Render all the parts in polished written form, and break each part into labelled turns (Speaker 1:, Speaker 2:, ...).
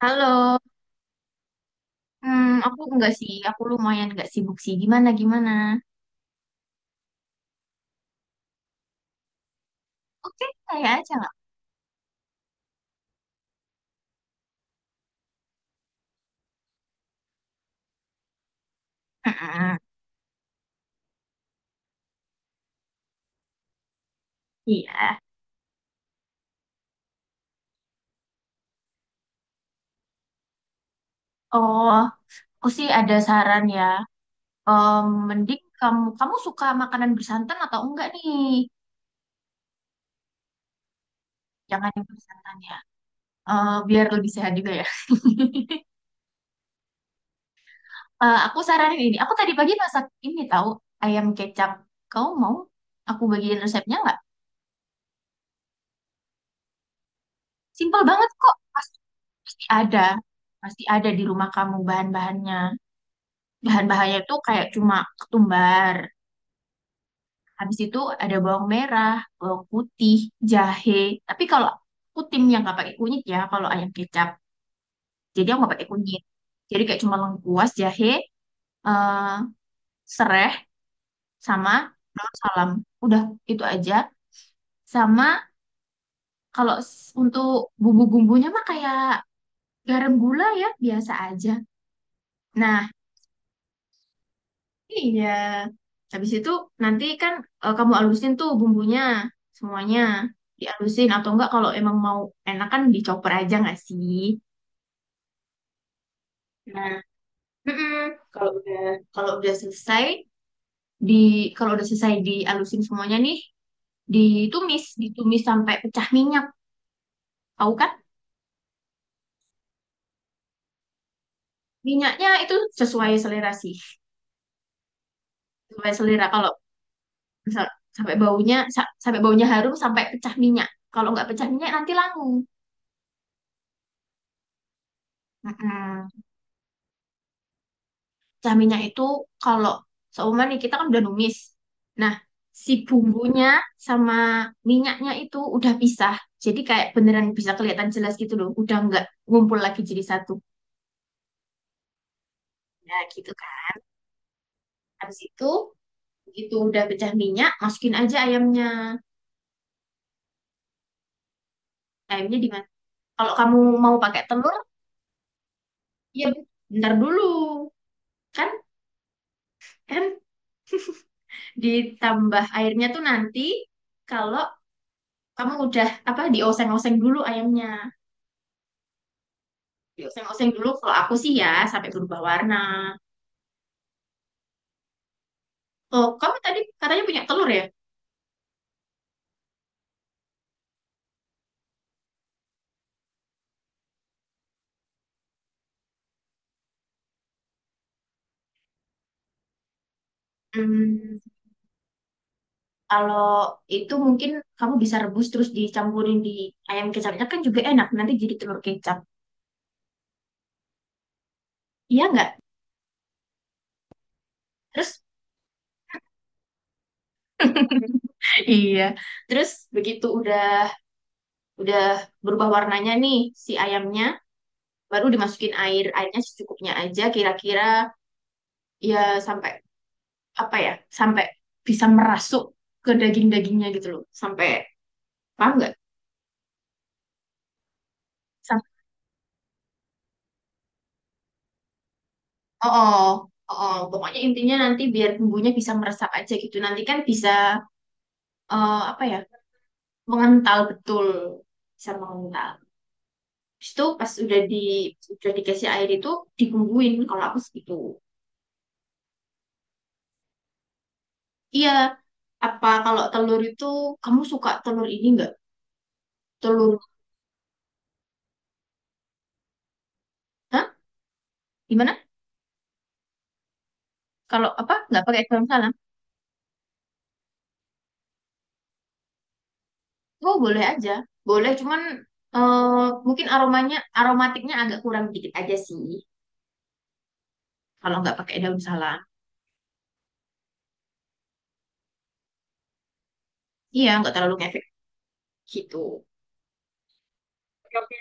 Speaker 1: Halo. Aku enggak sih, aku lumayan enggak sibuk sih. Gimana, gimana? Oke, saya aja nggak? Mm-mm. Iya. Oh, aku sih ada saran ya. Mending kamu suka makanan bersantan atau enggak nih? Jangan yang bersantan ya. Eh, biar lebih sehat juga ya. Eh, aku saranin ini. Aku tadi pagi masak ini tahu ayam kecap. Kau mau? Aku bagiin resepnya nggak? Simpel banget kok. Pasti, pasti ada. Pasti ada di rumah kamu bahan-bahannya. Bahan-bahannya itu kayak cuma ketumbar. Habis itu ada bawang merah, bawang putih, jahe. Tapi kalau aku tim yang nggak pakai kunyit ya, kalau ayam kecap. Jadi aku nggak pakai kunyit. Jadi kayak cuma lengkuas, jahe, eh, sereh, sama daun salam. Udah itu aja. Sama kalau untuk bumbu-bumbunya mah kayak garam gula ya, biasa aja. Nah, iya. Habis itu nanti kan eh, kamu alusin tuh bumbunya semuanya. Dialusin atau enggak kalau emang mau enak kan dicoper aja nggak sih? Nah, mm-mm. Kalau udah kalau udah selesai di kalau udah selesai dialusin semuanya nih, ditumis, ditumis sampai pecah minyak. Tahu kan? Minyaknya itu sesuai selera sih. Sesuai selera kalau misal sampai baunya harum sampai pecah minyak. Kalau nggak pecah minyak nanti langu. Mm-mm. Caminya itu kalau seumpama nih kita kan udah numis. Nah, si bumbunya sama minyaknya itu udah pisah. Jadi kayak beneran bisa kelihatan jelas gitu loh. Udah nggak ngumpul lagi jadi satu. Ya gitu kan. Habis itu begitu udah pecah minyak, masukin aja ayamnya. Ayamnya di mana? Kalau kamu mau pakai telur, ya bentar dulu. Kan kan ditambah airnya tuh nanti kalau kamu udah apa dioseng-oseng dulu ayamnya. Oseng-oseng dulu kalau aku sih ya sampai berubah warna. Oh, kamu tadi katanya punya telur ya? Hmm, Kalau itu mungkin kamu bisa rebus terus dicampurin di ayam kecapnya kan juga enak. Nanti jadi telur kecap. Iya nggak? Terus. Iya. Terus begitu udah berubah warnanya nih si ayamnya, baru dimasukin air. Airnya secukupnya aja kira-kira ya sampai apa ya? Sampai bisa merasuk ke daging-dagingnya gitu loh. Sampai paham nggak? Oh, oh, oh. Oh. Pokoknya intinya nanti biar bumbunya bisa meresap aja gitu. Nanti kan bisa eh, apa ya, mengental betul, bisa mengental. Habis itu pas udah dikasih air itu dibumbuin. Kalau aku segitu. Iya. Apa kalau telur itu kamu suka telur ini nggak? Telur? Hah? Gimana? Kalau apa nggak pakai daun salam? Oh, boleh aja, boleh. Cuman eh, mungkin aromanya aromatiknya agak kurang dikit aja sih. Kalau nggak pakai daun salam. Iya, nggak terlalu kayak gitu. Oke, oke.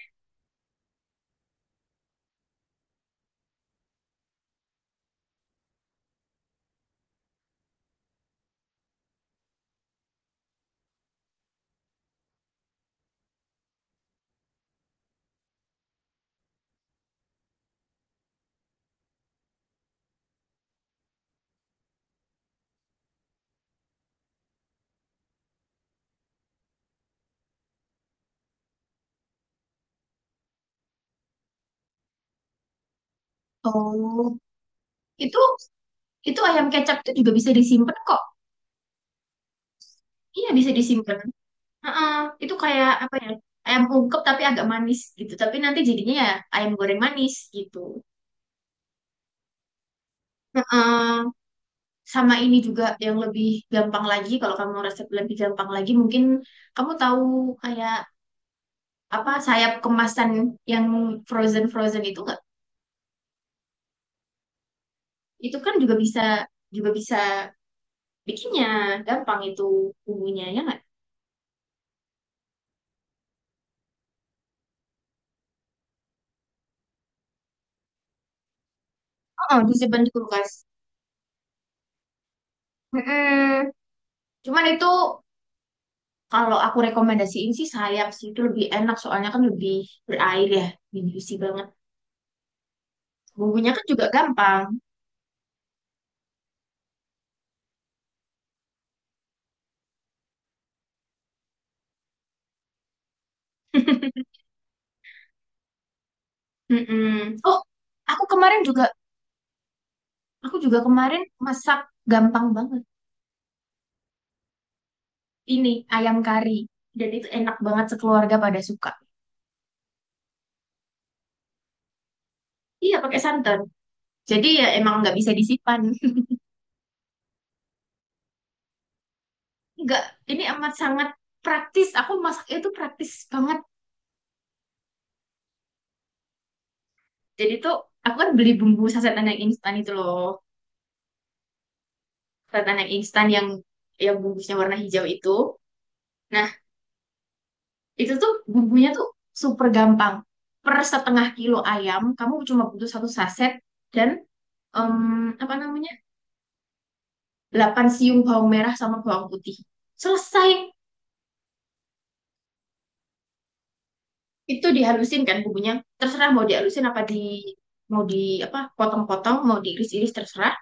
Speaker 1: Oh, Itu itu ayam kecap itu juga bisa disimpan kok. Iya bisa disimpan. Heeh, itu kayak apa ya? Ayam ungkep tapi agak manis gitu. Tapi nanti jadinya ya ayam goreng manis gitu. Heeh. Sama ini juga yang lebih gampang lagi kalau kamu resep lebih gampang lagi mungkin kamu tahu kayak apa sayap kemasan yang frozen frozen itu nggak? Itu kan juga bisa bikinnya gampang itu bumbunya ya nggak? Oh, disimpan di kulkas. Mm-mm. Cuman itu kalau aku rekomendasiin sih sayap sih itu lebih enak soalnya kan lebih berair ya, lebih juicy banget. Bumbunya kan juga gampang. Mm-mm. Oh, aku kemarin juga, aku juga kemarin masak gampang banget. Ini ayam kari dan itu enak banget sekeluarga pada suka. Iya pakai santan. Jadi ya emang nggak bisa disimpan. Nggak, ini amat sangat praktis. Aku masak itu praktis banget. Jadi tuh aku kan beli bumbu sasetan yang instan itu loh. Ketan yang instan yang bungkusnya warna hijau itu. Nah, itu tuh bumbunya tuh super gampang. Per setengah kilo ayam, kamu cuma butuh satu saset dan em, apa namanya? 8 siung bawang merah sama bawang putih. Selesai. Itu dihalusin kan bumbunya. Terserah mau dihalusin apa di mau di apa potong-potong, mau diiris-iris terserah.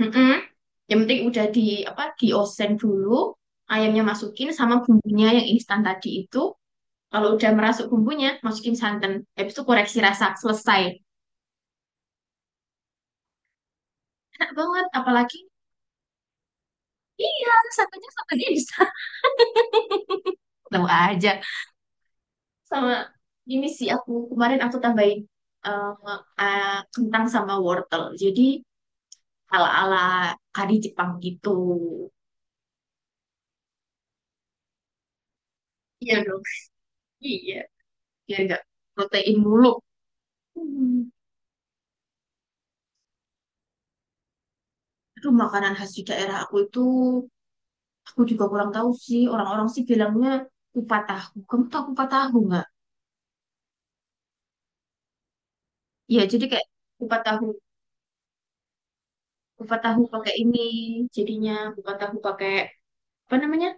Speaker 1: Mm-mm. Yang penting udah di apa diosen dulu, ayamnya masukin sama bumbunya yang instan tadi itu. Kalau udah merasuk bumbunya, masukin santan. Habis itu koreksi rasa, selesai. Enak banget, apalagi iya, satunya sama dia di sana. Tahu aja. Sama ini sih aku kemarin aku tambahin eh, eh, kentang sama wortel. Jadi ala-ala kari Jepang gitu. Iya dong. Iya, biar nggak protein mulu. Hmm. Itu makanan khas di daerah aku itu aku juga kurang tahu sih. Orang-orang sih bilangnya kupat tahu. Kamu tahu kupat tahu nggak? Iya, jadi kayak kupat tahu kupat tahu pakai ini jadinya bukan tahu pakai apa namanya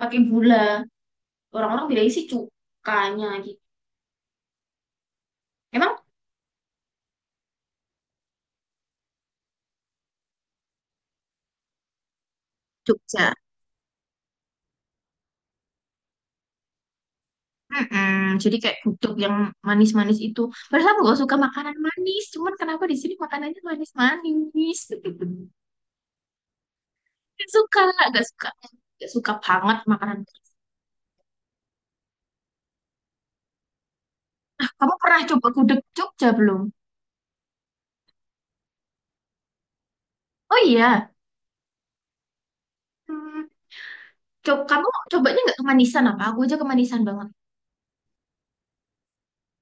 Speaker 1: pakai gula orang-orang bilang isi cukanya gitu emang Jogja. Mm-mm. Jadi kayak gudeg yang manis-manis itu. Padahal aku gak suka makanan manis. Cuman kenapa di sini makanannya manis-manis? Gak suka, gak suka. Gak suka banget makanan. Nah, kamu pernah coba gudeg Jogja belum? Oh iya. Hmm, kamu cobanya nggak kemanisan apa? Aku aja kemanisan banget.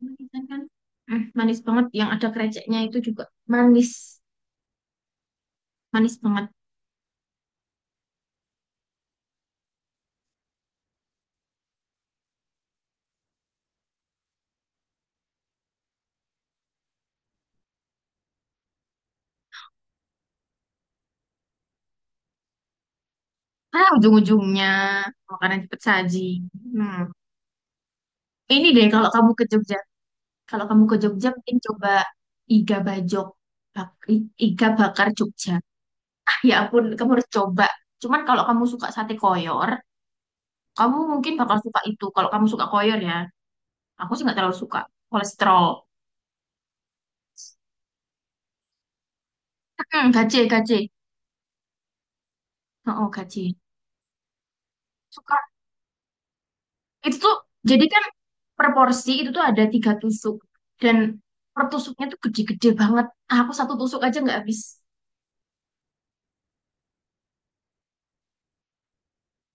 Speaker 1: Manisan kan manis banget yang ada kreceknya itu juga manis manis banget. Ah, ujung-ujungnya makanan cepet saji. hmm. Ini deh kalau kamu ke Jogja mungkin coba iga bajok iga bakar Jogja. Ah, ya ampun kamu harus coba cuman kalau kamu suka sate koyor kamu mungkin bakal suka itu kalau kamu suka koyor ya aku sih nggak terlalu suka kolesterol. Hmm, gaje gaje. Oh, oh gaje. Itu tuh jadi kan per porsi itu tuh ada 3 tusuk dan per tusuknya tuh gede-gede banget. Ah, aku satu tusuk aja nggak habis.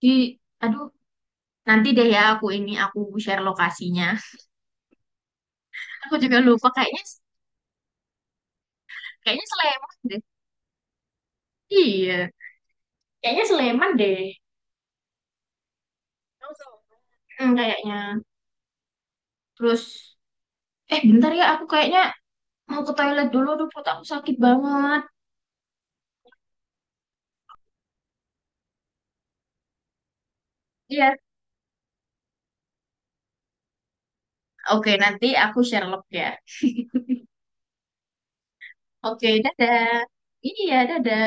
Speaker 1: Di Aduh, nanti deh ya aku ini aku share lokasinya. Aku juga lupa kayaknya kayaknya Sleman deh. Iya, kayaknya Sleman deh. Hmm, kayaknya. Terus eh bentar ya aku kayaknya mau ke toilet dulu aduh perut aku sakit banget. Iya. Oke, nanti aku share log ya. Oke, dadah. Iya, dadah.